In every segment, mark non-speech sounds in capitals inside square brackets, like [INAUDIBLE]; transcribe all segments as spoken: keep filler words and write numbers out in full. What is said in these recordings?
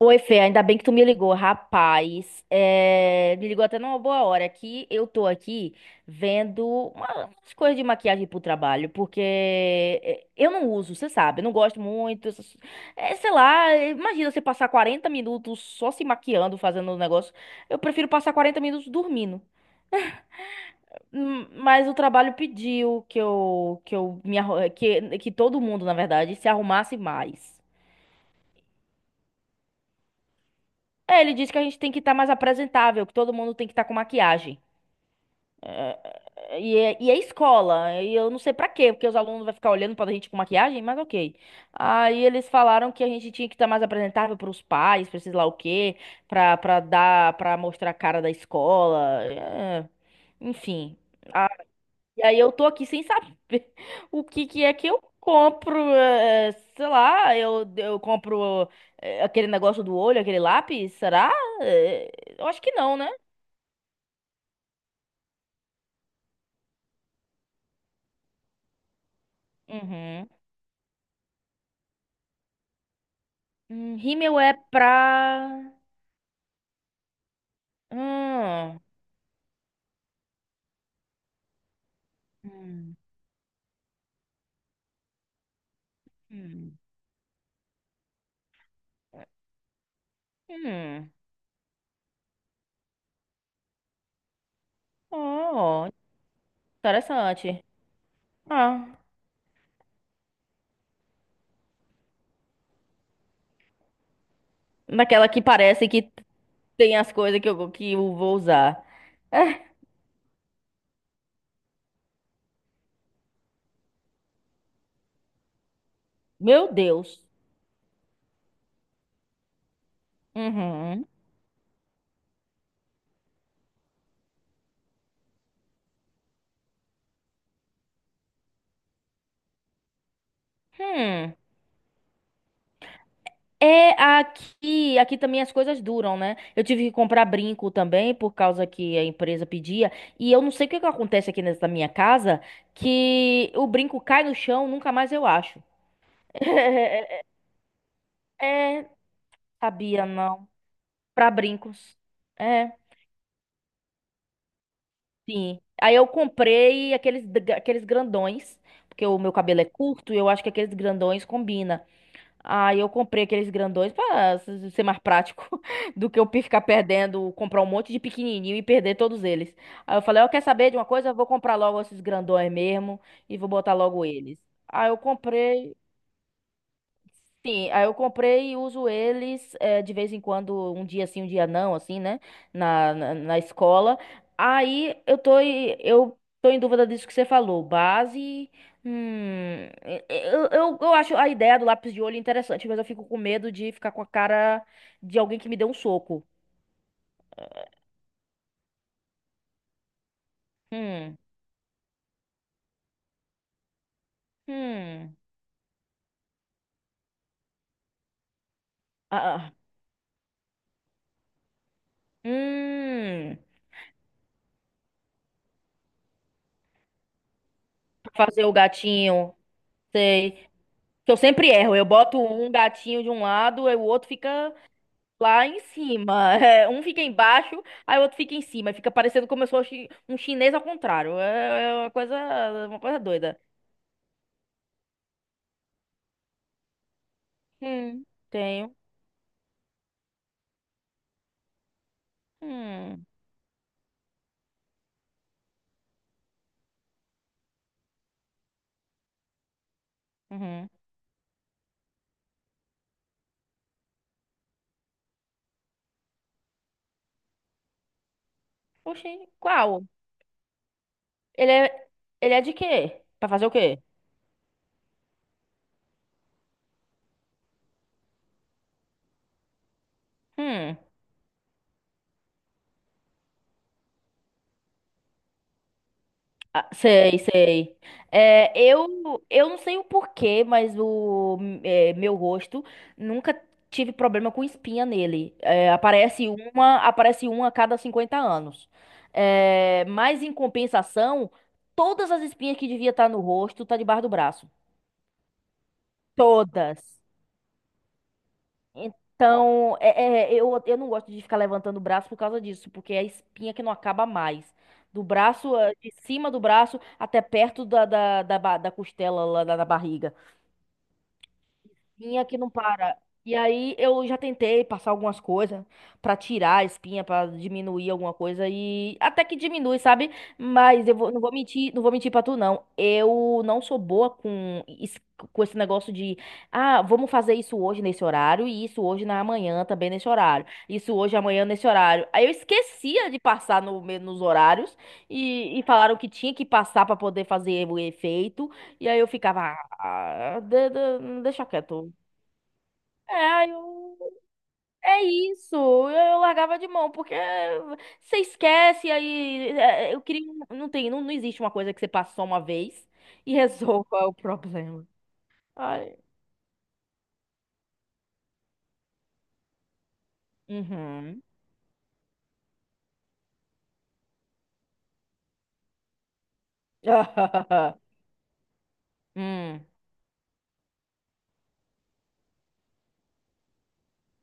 Oi, Fê, ainda bem que tu me ligou, rapaz. É, Me ligou até numa boa hora que eu tô aqui vendo uma- umas coisas de maquiagem pro trabalho, porque é, eu não uso, você sabe, eu não gosto muito. essas- é, sei lá, imagina você passar quarenta minutos só se maquiando, fazendo um negócio. Eu prefiro passar quarenta minutos dormindo. Hum, Mas o trabalho pediu que eu, que eu me arru- que, que todo mundo, na verdade, se arrumasse mais. É, ele disse que a gente tem que estar mais apresentável, que todo mundo tem que estar com maquiagem. E é, e é escola, e eu não sei pra quê, porque os alunos vão ficar olhando pra gente com maquiagem, mas ok. Aí eles falaram que a gente tinha que estar mais apresentável pros pais, pra sei lá o quê, pra, pra dar, pra mostrar a cara da escola, é, enfim. Ah, e aí eu tô aqui sem saber [LAUGHS] o que que é que eu compro, é, sei lá, eu, eu compro é, aquele negócio do olho, aquele lápis, será? É, eu acho que não, né? Uhum. Hum, rímel é pra. Hum. Hum. Hum. Hum. Oh, interessante. Ah, daquela que parece que tem as coisas que eu, que eu vou usar. [LAUGHS] Meu Deus. Uhum. Hum. É aqui, aqui também as coisas duram, né? Eu tive que comprar brinco também por causa que a empresa pedia, e eu não sei o que que acontece aqui nessa minha casa que o brinco cai no chão, nunca mais eu acho. [LAUGHS] É, Sabia, não. Pra brincos. É, sim. Aí eu comprei aqueles, d- aqueles grandões, porque o meu cabelo é curto e eu acho que aqueles grandões combina. Aí eu comprei aqueles grandões pra s- ser mais prático [LAUGHS] do que eu pe- ficar perdendo, comprar um monte de pequenininho e perder todos eles. Aí eu falei, eu quer saber de uma coisa? Eu vou comprar logo esses grandões mesmo e vou botar logo eles. Aí eu comprei. Sim, aí eu comprei e uso eles eh, de vez em quando, um dia sim, um dia não, assim, né? Na, na, na escola. Aí eu tô, em- eu tô em dúvida disso que você falou. Base. Hum, eh, eu, eu, eu acho a ideia do lápis de olho interessante, mas eu fico com medo de ficar com a cara de alguém que me deu um soco. Hum, hum, ah, ah, hum. Pra fazer o gatinho, sei. Que eu sempre erro. Eu boto um gatinho de um lado e o outro fica. Lá em cima. É, um fica embaixo, aí o outro fica em cima. Fica parecendo como eu sou chi- um chinês ao contrário. É, é uma coisa, uma coisa doida. Hum. Tenho. Hum. Uhum. Oxi, qual? Ele é, ele é de quê? Pra fazer o quê? Hum. Ah, sei, sei. É, eu, eu não sei o porquê, mas o é, meu rosto nunca tive problema com espinha nele. É, aparece uma, aparece uma a cada cinquenta anos. É, mas em compensação, todas as espinhas que devia estar no rosto tá debaixo do braço. Todas. Então, é- é, eu, eu não gosto de ficar levantando o braço por causa disso, porque é a espinha que não acaba mais. Do braço, eh, de cima do braço até perto da, da, da, ba- da costela lá da, da barriga. Espinha que não para. E aí eu já tentei passar algumas coisas pra tirar a espinha, pra diminuir alguma coisa e até que diminui, sabe? Mas eu vou- não vou mentir, não vou mentir para tu não. Eu não sou boa com es- com esse negócio de, ah, vamos fazer isso hoje nesse horário e isso hoje na manhã também nesse horário. Isso hoje amanhã nesse horário. Aí eu esquecia de passar no, me- nos horários e, e falaram que tinha que passar pra poder fazer o efeito. E aí eu ficava, ah, de- de- deixa quieto. É, eu... é isso. Eu eu largava de mão, porque você esquece, aí é, é, eu queria. Não tem, não, não existe uma coisa que você passa só uma vez e [LAUGHS] resolva o problema. Ai. Uhum. [LAUGHS] Hum.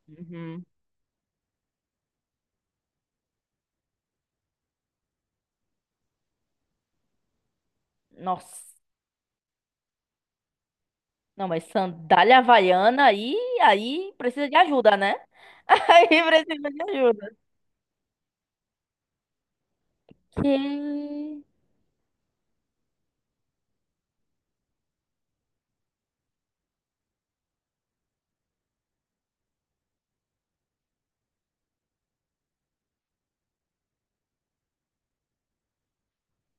Uhum. Nossa. Não, mas sandália havaiana aí, aí precisa de ajuda, né? [LAUGHS] Aí precisa de ajuda. Que...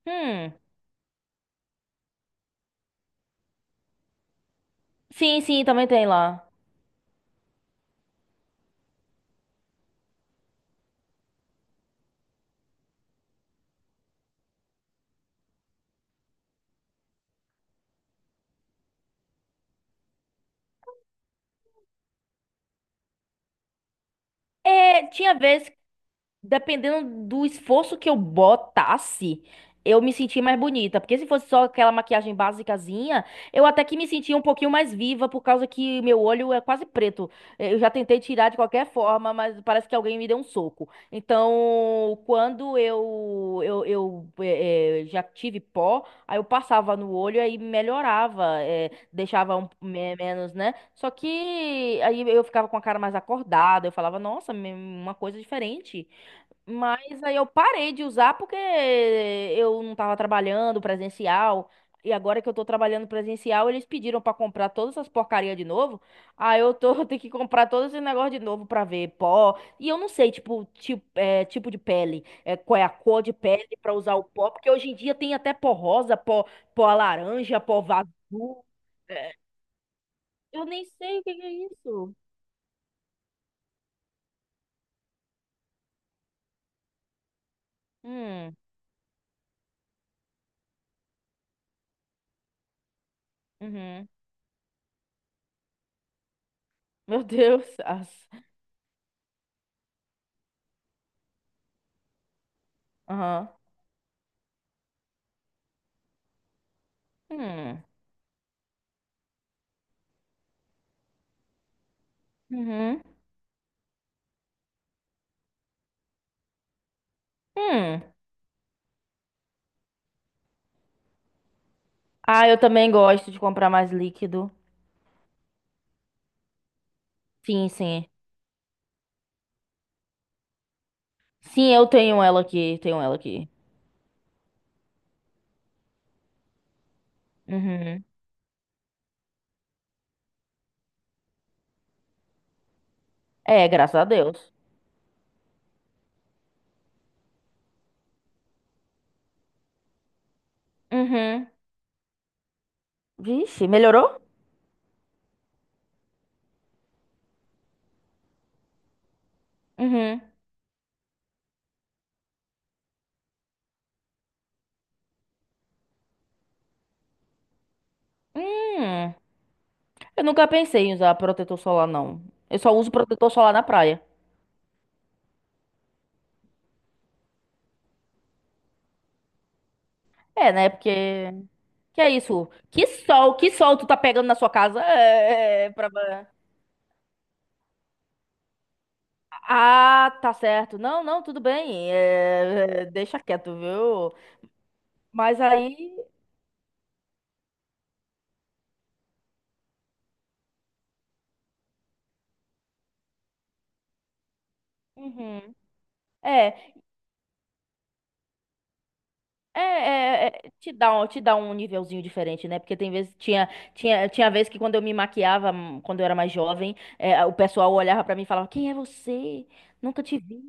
Hum. Sim, sim, também tem lá. É, tinha vezes dependendo do esforço que eu botasse, eu me sentia mais bonita. Porque se fosse só aquela maquiagem basicazinha, eu até que me sentia um pouquinho mais viva, por causa que meu olho é quase preto. É, eu já tentei tirar de qualquer forma, mas parece que alguém me deu um soco. Então, quando eu, eu, eu eh, eh, já tive pó, aí eu passava no olho aí melhorava, eh, deixava um, me- menos, né? Só que aí eu ficava com a cara mais acordada, eu falava, nossa, me- uma coisa diferente. Mas aí eu parei de usar porque eu não tava trabalhando presencial. E agora que eu tô trabalhando presencial, eles pediram pra comprar todas essas porcarias de novo. Aí eu tô, [LAUGHS] eu tenho que comprar todo esse negócio de novo pra ver pó. E eu não sei, tipo, tipo, é, tipo de pele, é, qual é a cor de pele pra usar o pó, porque hoje em dia tem até pó rosa, pó, pó laranja, pó azul. É, eu nem sei o que que é isso. Hum, uhum. Meu [LAUGHS] Deus. as- Aham. Hum, uhum. Hum. Ah, eu também gosto de comprar mais líquido. Sim, sim. Sim, eu tenho ela aqui, tenho ela aqui. Uhum. É, graças a Deus. Uhum. Vixe, melhorou? Uhum. Hum. Eu nunca pensei em usar protetor solar, não. Eu só uso protetor solar na praia. É, né? Porque. Que é isso? Que sol, que sol tu tá pegando na sua casa? É, é, é, é, pra... Ah, tá certo. Não, não, tudo bem. É, é, deixa quieto, viu? Mas aí. Uhum. É. É, é, é, te dá um, te dá um nívelzinho diferente, né? Porque tem vezes, tinha, tinha, tinha vez que quando eu me maquiava, hum, quando eu era mais jovem, é, o pessoal olhava pra mim e falava, quem é você? Nunca te vi.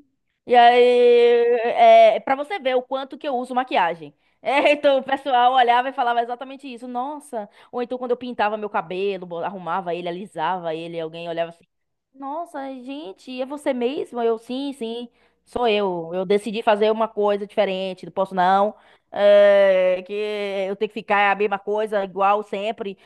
E aí, é, pra você ver o quanto que eu uso maquiagem. É, [LAUGHS] então o pessoal olhava e falava exatamente isso. Nossa, ou então quando eu pintava meu cabelo, bo- arrumava ele, alisava ele, alguém olhava assim, nossa, gente, é você mesmo? Eu, sim, sim, sou eu. Eu decidi fazer uma coisa diferente, não posso não eh, que eu tenho que ficar a mesma coisa, igual sempre.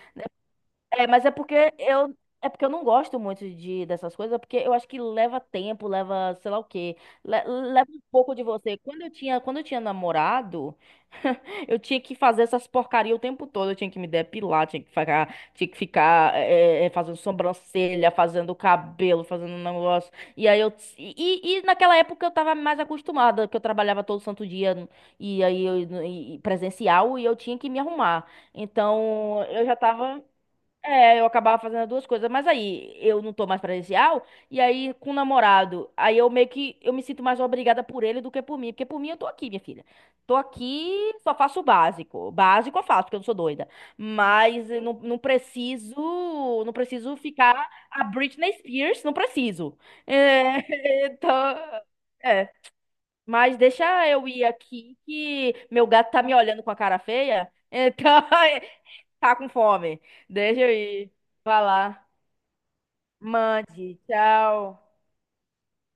É, mas é porque eu é porque eu não gosto muito de dessas coisas, porque eu acho que leva tempo, leva, sei lá o quê, le- leva um pouco de você. Quando eu tinha, quando eu tinha namorado, [LAUGHS] eu tinha que fazer essas porcaria o tempo todo, eu tinha que me depilar, tinha que ficar, tinha que ficar é, é, fazendo sobrancelha, fazendo cabelo, fazendo um negócio. E aí eu e, e naquela época eu tava mais acostumada, que eu trabalhava todo santo dia e aí eu, e presencial e eu tinha que me arrumar. Então, eu já tava é, eu acabava fazendo as duas coisas, mas aí eu não tô mais presencial, e aí com o namorado, aí eu meio que eu me sinto mais obrigada por ele do que por mim, porque por mim eu tô aqui, minha filha. Tô aqui, só faço o básico. Básico eu faço, porque eu não sou doida. Mas eu não, não preciso, não preciso ficar a Britney Spears, não preciso. É, [LAUGHS] então, é. Mas deixa eu ir aqui que meu gato tá me olhando com a cara feia. Então, [LAUGHS] Tá com fome. Deixa eu ir. Vai lá. Mande. Tchau.